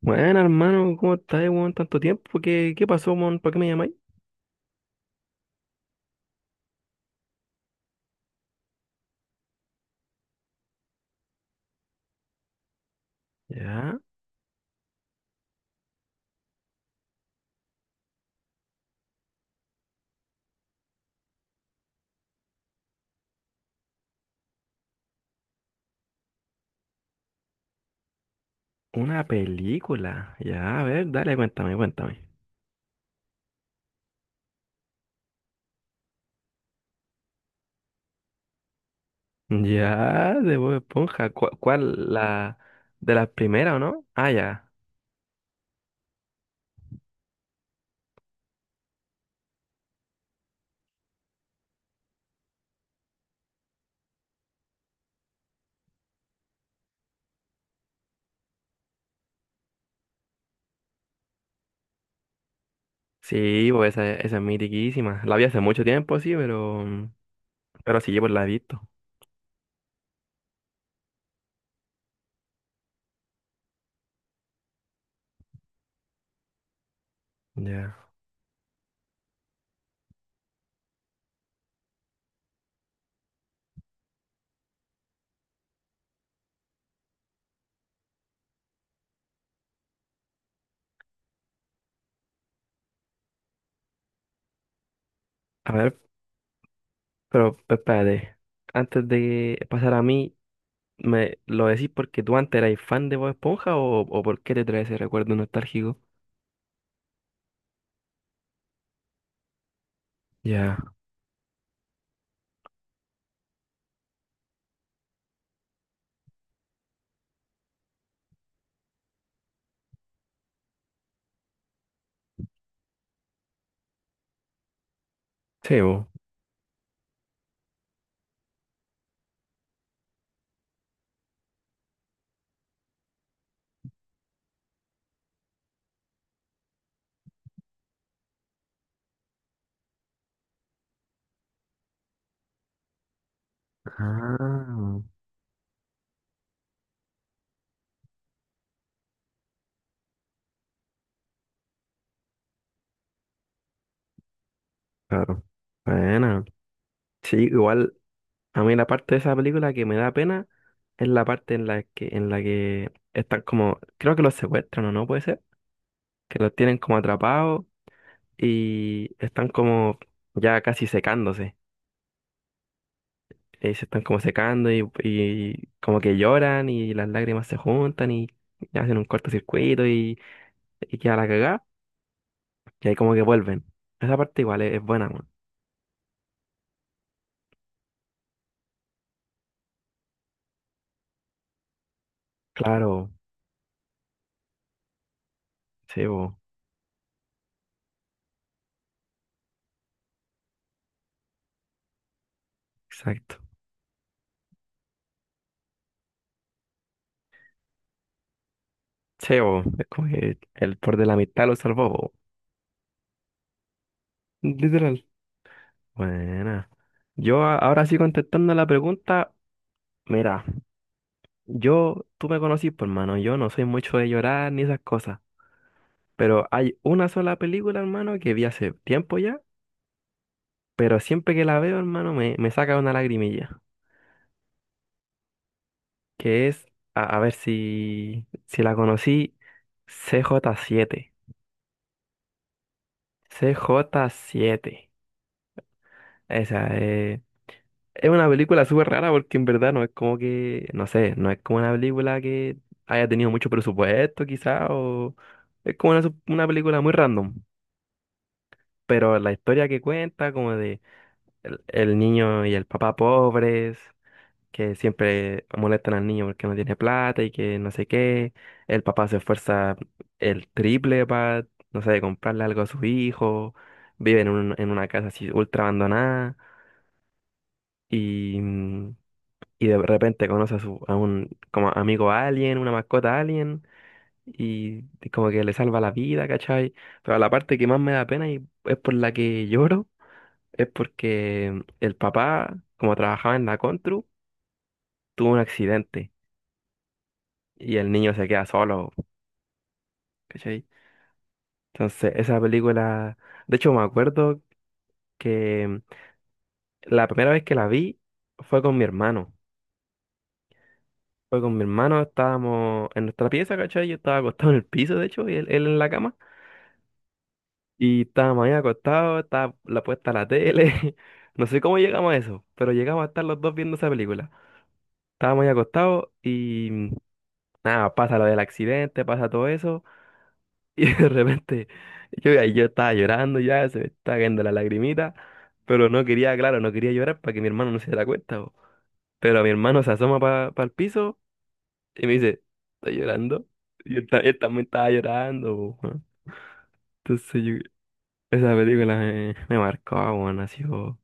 Bueno, hermano, ¿cómo estás, weón? Tanto tiempo, ¿qué pasó, mon? ¿Para qué me llamáis? Ya, una película. Ya, a ver, dale, cuéntame. Ya, de Bob Esponja. ¿Cuál, la de las primeras, o no? Ah, ya. Sí, pues esa es mitiquísima. La vi hace mucho tiempo, sí, pero sí, pues la he visto. Ya. A ver, pero espérate. Antes de pasar a mí, ¿me lo decís porque tú antes erais fan de Bob Esponja o por qué te traes ese recuerdo nostálgico? Ya. Sí, vos. Ah, claro. Bueno, sí, igual a mí la parte de esa película que me da pena es la parte en la que están como, creo que los secuestran o no puede ser, que los tienen como atrapados y están como ya casi secándose. Se están como secando y como que lloran y las lágrimas se juntan y hacen un cortocircuito y queda la cagada y ahí como que vuelven. Esa parte igual es buena, man. Claro, sí, vos, exacto. Sí, bo, es como que el por de la mitad lo salvó, bo. Literal. Buena. Ahora sí contestando la pregunta, mira, yo, tú me conocís, pues, hermano, yo no soy mucho de llorar ni esas cosas, pero hay una sola película, hermano, que vi hace tiempo ya, pero siempre que la veo, hermano, me saca una lagrimilla, que es, a ver si, si la conocí, C J siete, C J siete, esa es. Es una película súper rara porque en verdad no es como que, no sé, no es como una película que haya tenido mucho presupuesto quizá o es como una, una película muy random, pero la historia que cuenta como de el niño y el papá pobres que siempre molestan al niño porque no tiene plata y que no sé qué, el papá se esfuerza el triple para, no sé, comprarle algo a sus hijos, viven en, en una casa así ultra abandonada y... mm, y de repente conoce a, su, a un como amigo alien, una mascota alien, y como que le salva la vida, ¿cachai? Pero la parte que más me da pena y es por la que lloro, es porque el papá, como trabajaba en la Contru, tuvo un accidente y el niño se queda solo, ¿cachai? Entonces, esa película, de hecho me acuerdo que la primera vez que la vi fue con mi hermano. Fue con mi hermano, estábamos en nuestra pieza, ¿cachai? Yo estaba acostado en el piso, de hecho, y él en la cama. Y estábamos ahí acostados, estaba la puesta la tele. No sé cómo llegamos a eso, pero llegamos a estar los dos viendo esa película. Estábamos ahí acostados y nada, pasa lo del accidente, pasa todo eso. Y de repente yo, ahí yo estaba llorando ya, se me estaba cayendo la lagrimita, pero no quería, claro, no quería llorar para que mi hermano no se diera cuenta, po. Pero mi hermano se asoma para el piso y me dice, ¿estás llorando? Y él, él también estaba llorando, po, weón. Entonces yo, esa película me, me marcó, bueno, así. Po.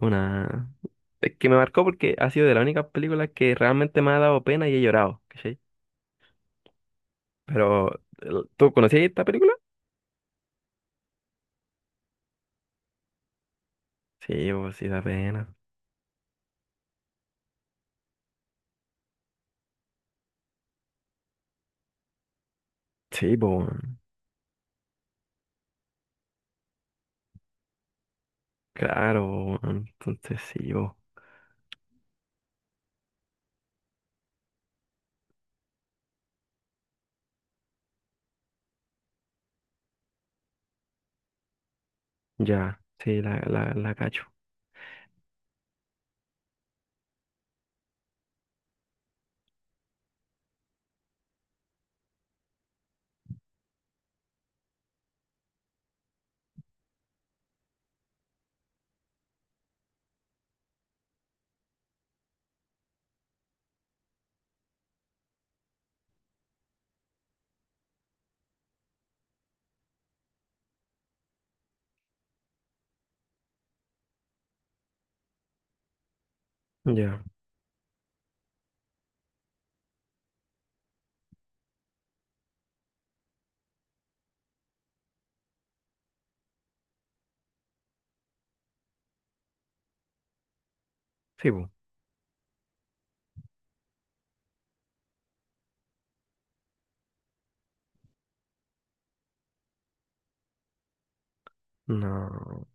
Una... Es que me marcó porque ha sido de las únicas películas que realmente me ha dado pena y he llorado, ¿cachai? Pero, ¿tú conocías esta película? Sí, pues sí da pena. Sí, pues, claro, po, weón, entonces sí, pues, ya, sí, la cacho. Ya, sí, pues, no.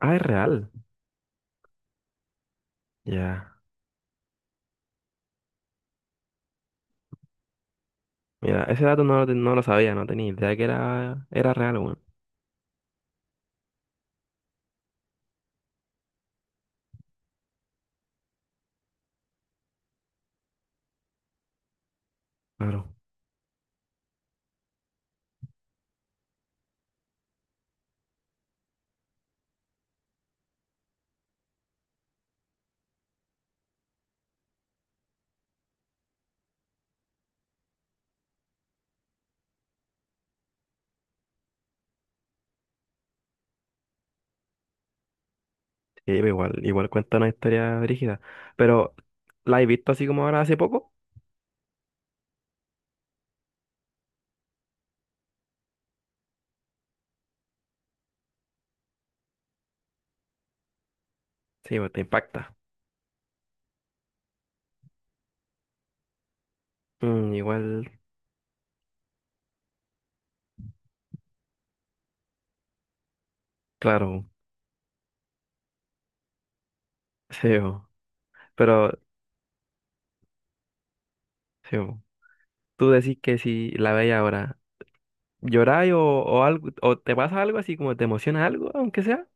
Ah, es real. Ya, mira, ese dato no, lo no lo sabía, no tenía idea que era, era real, weón. Claro. Sí, pero igual, igual cuenta una historia brígida. Pero, ¿la he visto así como ahora hace poco? Sí, pues te impacta. Mm, igual, claro, sí, bo. Pero, sí, bo, tú decís que si la veis ahora, ¿lloráis o algo, o te pasa algo así como te emociona algo, aunque sea?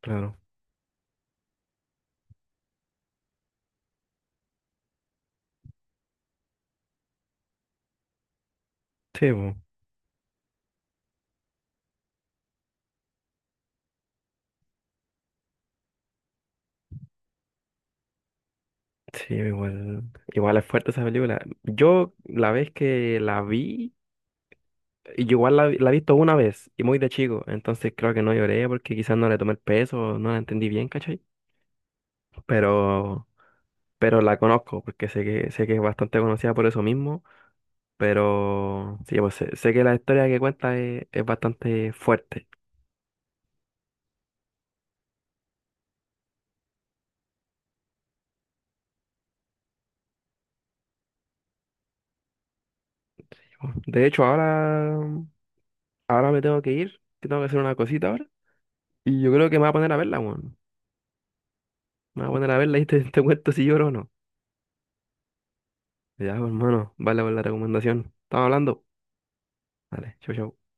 Claro, sí, bo, sí, igual, igual es fuerte esa película. Yo, la vez que la vi, y yo igual la, la he visto una vez, y muy de chico, entonces creo que no lloré porque quizás no le tomé el peso, no la entendí bien, ¿cachai? Pero, pero la conozco, porque sé que es bastante conocida por eso mismo. Pero sí, pues sé, sé que la historia que cuenta es bastante fuerte. De hecho, ahora, ahora me tengo que ir, que tengo que hacer una cosita ahora. Y yo creo que me voy a poner a verla, weón. Me voy a poner a verla y te, te cuento si lloro o no. Ya, pues, hermano, vale por la recomendación. Estamos hablando. Vale, chau, chau.